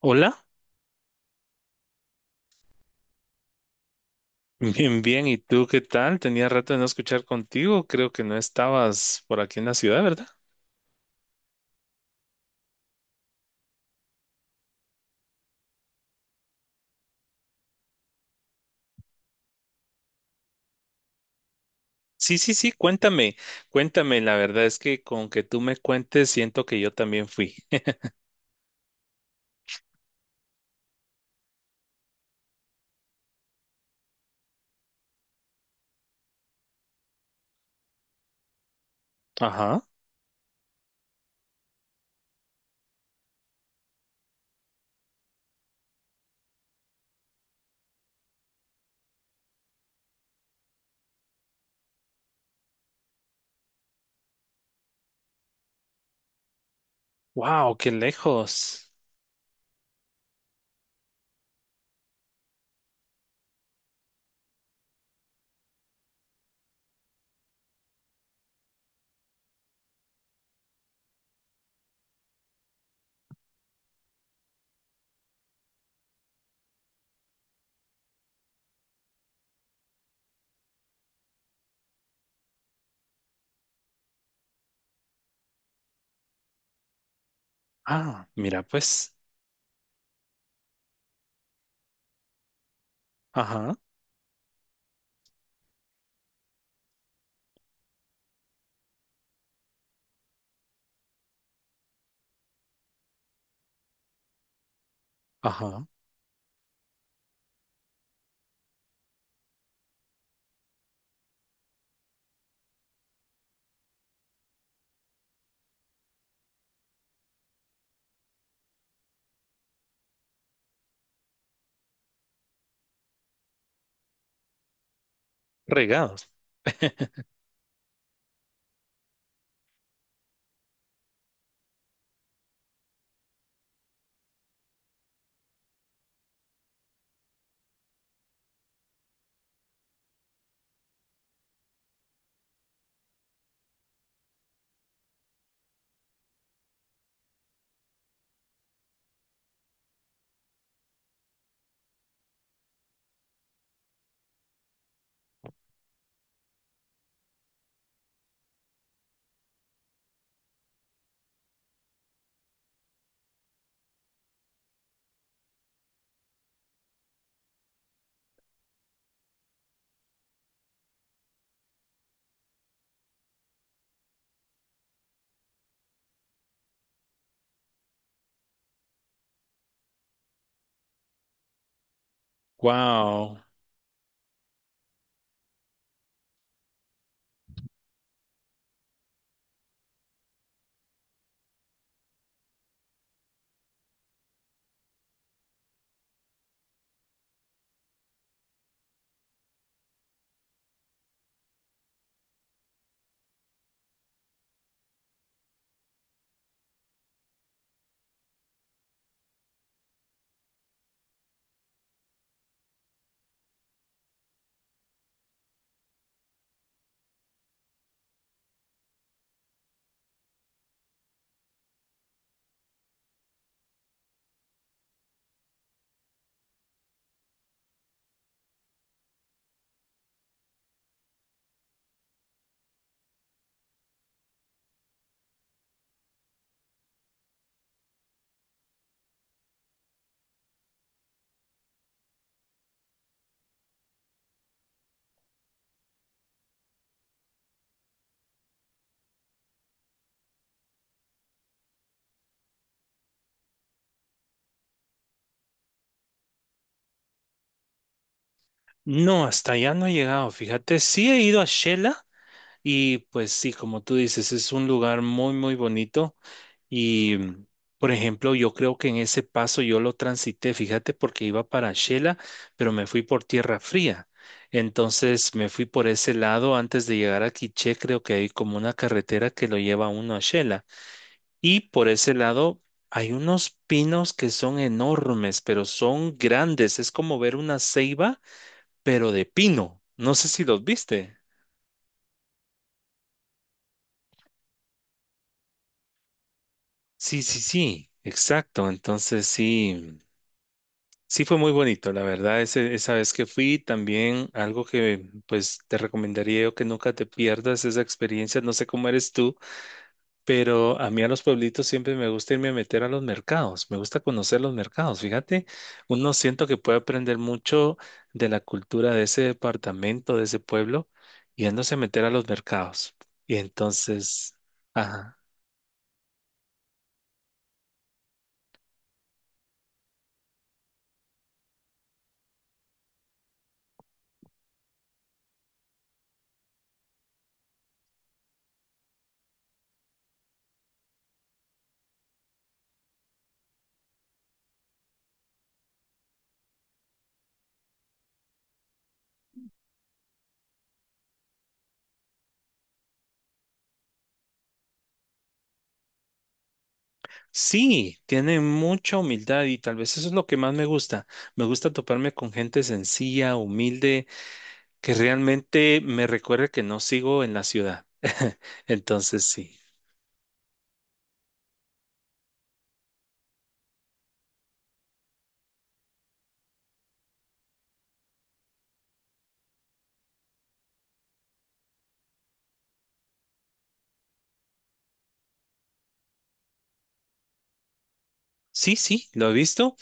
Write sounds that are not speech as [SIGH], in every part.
Hola, [LAUGHS] bien, bien. ¿Y tú qué tal? Tenía rato de no escuchar contigo. Creo que no estabas por aquí en la ciudad, ¿verdad? Sí, sí, sí. Cuéntame, cuéntame. La verdad es que con que tú me cuentes, siento que yo también fui. [LAUGHS] Ajá. Wow, qué lejos. Ah, mira, pues. Ajá, ajá. Regados. [LAUGHS] Wow. No, hasta allá no he llegado. Fíjate, sí he ido a Shela y pues sí, como tú dices, es un lugar muy, muy bonito. Y, por ejemplo, yo creo que en ese paso yo lo transité, fíjate, porque iba para Shela, pero me fui por tierra fría. Entonces me fui por ese lado antes de llegar a Quiché, creo que hay como una carretera que lo lleva uno a Shela. Y por ese lado hay unos pinos que son enormes, pero son grandes. Es como ver una ceiba, pero de pino. No sé si los viste. Sí, sí, sí, exacto. Entonces sí. Sí, fue muy bonito, la verdad, esa vez que fui, también algo que pues te recomendaría yo que nunca te pierdas esa experiencia, no sé cómo eres tú, pero a mí a los pueblitos siempre me gusta irme a meter a los mercados, me gusta conocer los mercados, fíjate, uno siento que puede aprender mucho de la cultura de ese departamento, de ese pueblo, yéndose a meter a los mercados. Y entonces, ajá. Sí, tiene mucha humildad y tal vez eso es lo que más me gusta. Me gusta toparme con gente sencilla, humilde, que realmente me recuerde que no sigo en la ciudad. [LAUGHS] Entonces, sí. Sí, sí, lo he visto.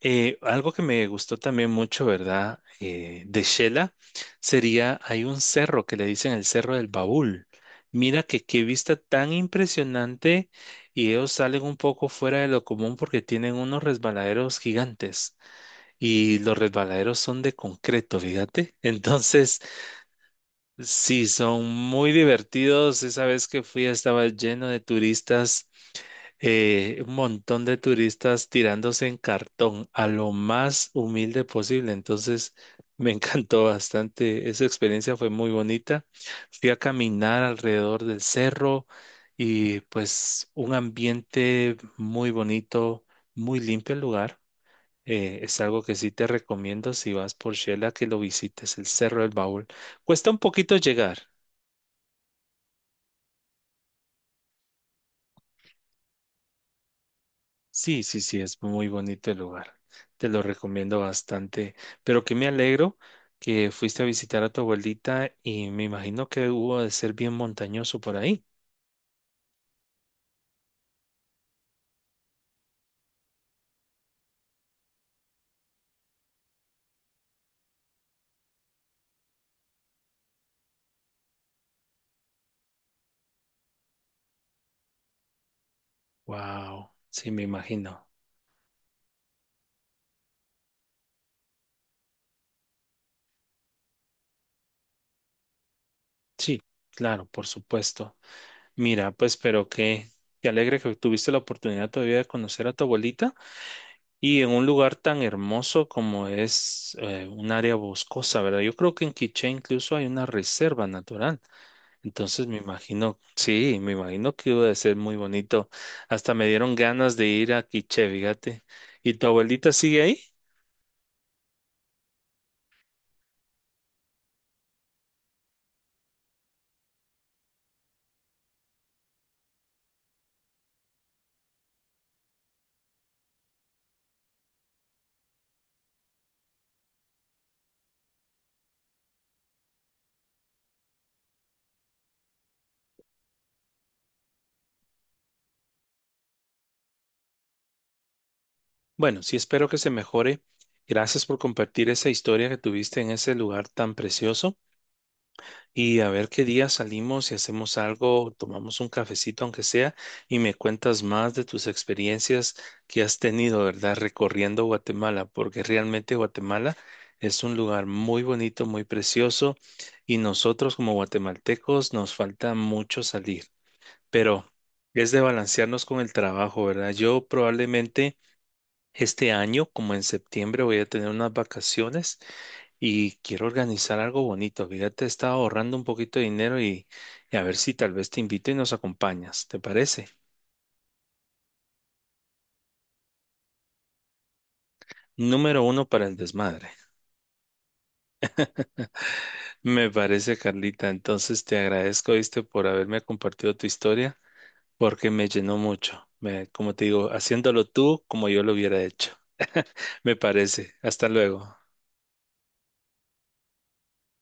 Algo que me gustó también mucho, ¿verdad? De Shela sería, hay un cerro que le dicen el Cerro del Baúl. Mira que qué vista tan impresionante y ellos salen un poco fuera de lo común porque tienen unos resbaladeros gigantes. Y los resbaladeros son de concreto, fíjate. [LAUGHS] Entonces, sí, son muy divertidos. Esa vez que fui estaba lleno de turistas, un montón de turistas tirándose en cartón a lo más humilde posible. Entonces, me [LAUGHS] encantó bastante. Esa experiencia fue muy bonita. Fui a caminar alrededor del cerro y pues un ambiente muy bonito, muy limpio el lugar. Es algo que sí te recomiendo si vas por Shela que lo visites, el Cerro del Baúl. Cuesta un poquito llegar. Sí, sí, sí, es muy bonito el lugar. Te lo recomiendo bastante. Pero que me alegro que fuiste a visitar a tu abuelita y me imagino que hubo de ser bien montañoso por ahí. Wow, sí, me imagino. Sí, claro, por supuesto. Mira, pues, pero que, qué alegre que tuviste la oportunidad todavía de conocer a tu abuelita. Y en un lugar tan hermoso como es un área boscosa, ¿verdad? Yo creo que en Quiché incluso hay una reserva natural. Entonces me imagino, sí, me imagino que iba a ser muy bonito. Hasta me dieron ganas de ir a Quiché, fíjate. ¿Y tu abuelita sigue ahí? Bueno, sí, espero que se mejore. Gracias por compartir esa historia que tuviste en ese lugar tan precioso. Y a ver qué día salimos y hacemos algo, tomamos un cafecito aunque sea, y me cuentas más de tus experiencias que has tenido, ¿verdad? Recorriendo Guatemala, porque realmente Guatemala es un lugar muy bonito, muy precioso, y nosotros como guatemaltecos nos falta mucho salir, pero es de balancearnos con el trabajo, ¿verdad? Yo probablemente... Este año, como en septiembre, voy a tener unas vacaciones y quiero organizar algo bonito. Fíjate, estaba ahorrando un poquito de dinero y a ver si tal vez te invito y nos acompañas. ¿Te parece? Número uno para el desmadre. Me parece, Carlita. Entonces te agradezco, viste, por haberme compartido tu historia porque me llenó mucho. Me- como te digo, haciéndolo tú como yo lo hubiera hecho. [LAUGHS] Me parece. Hasta luego.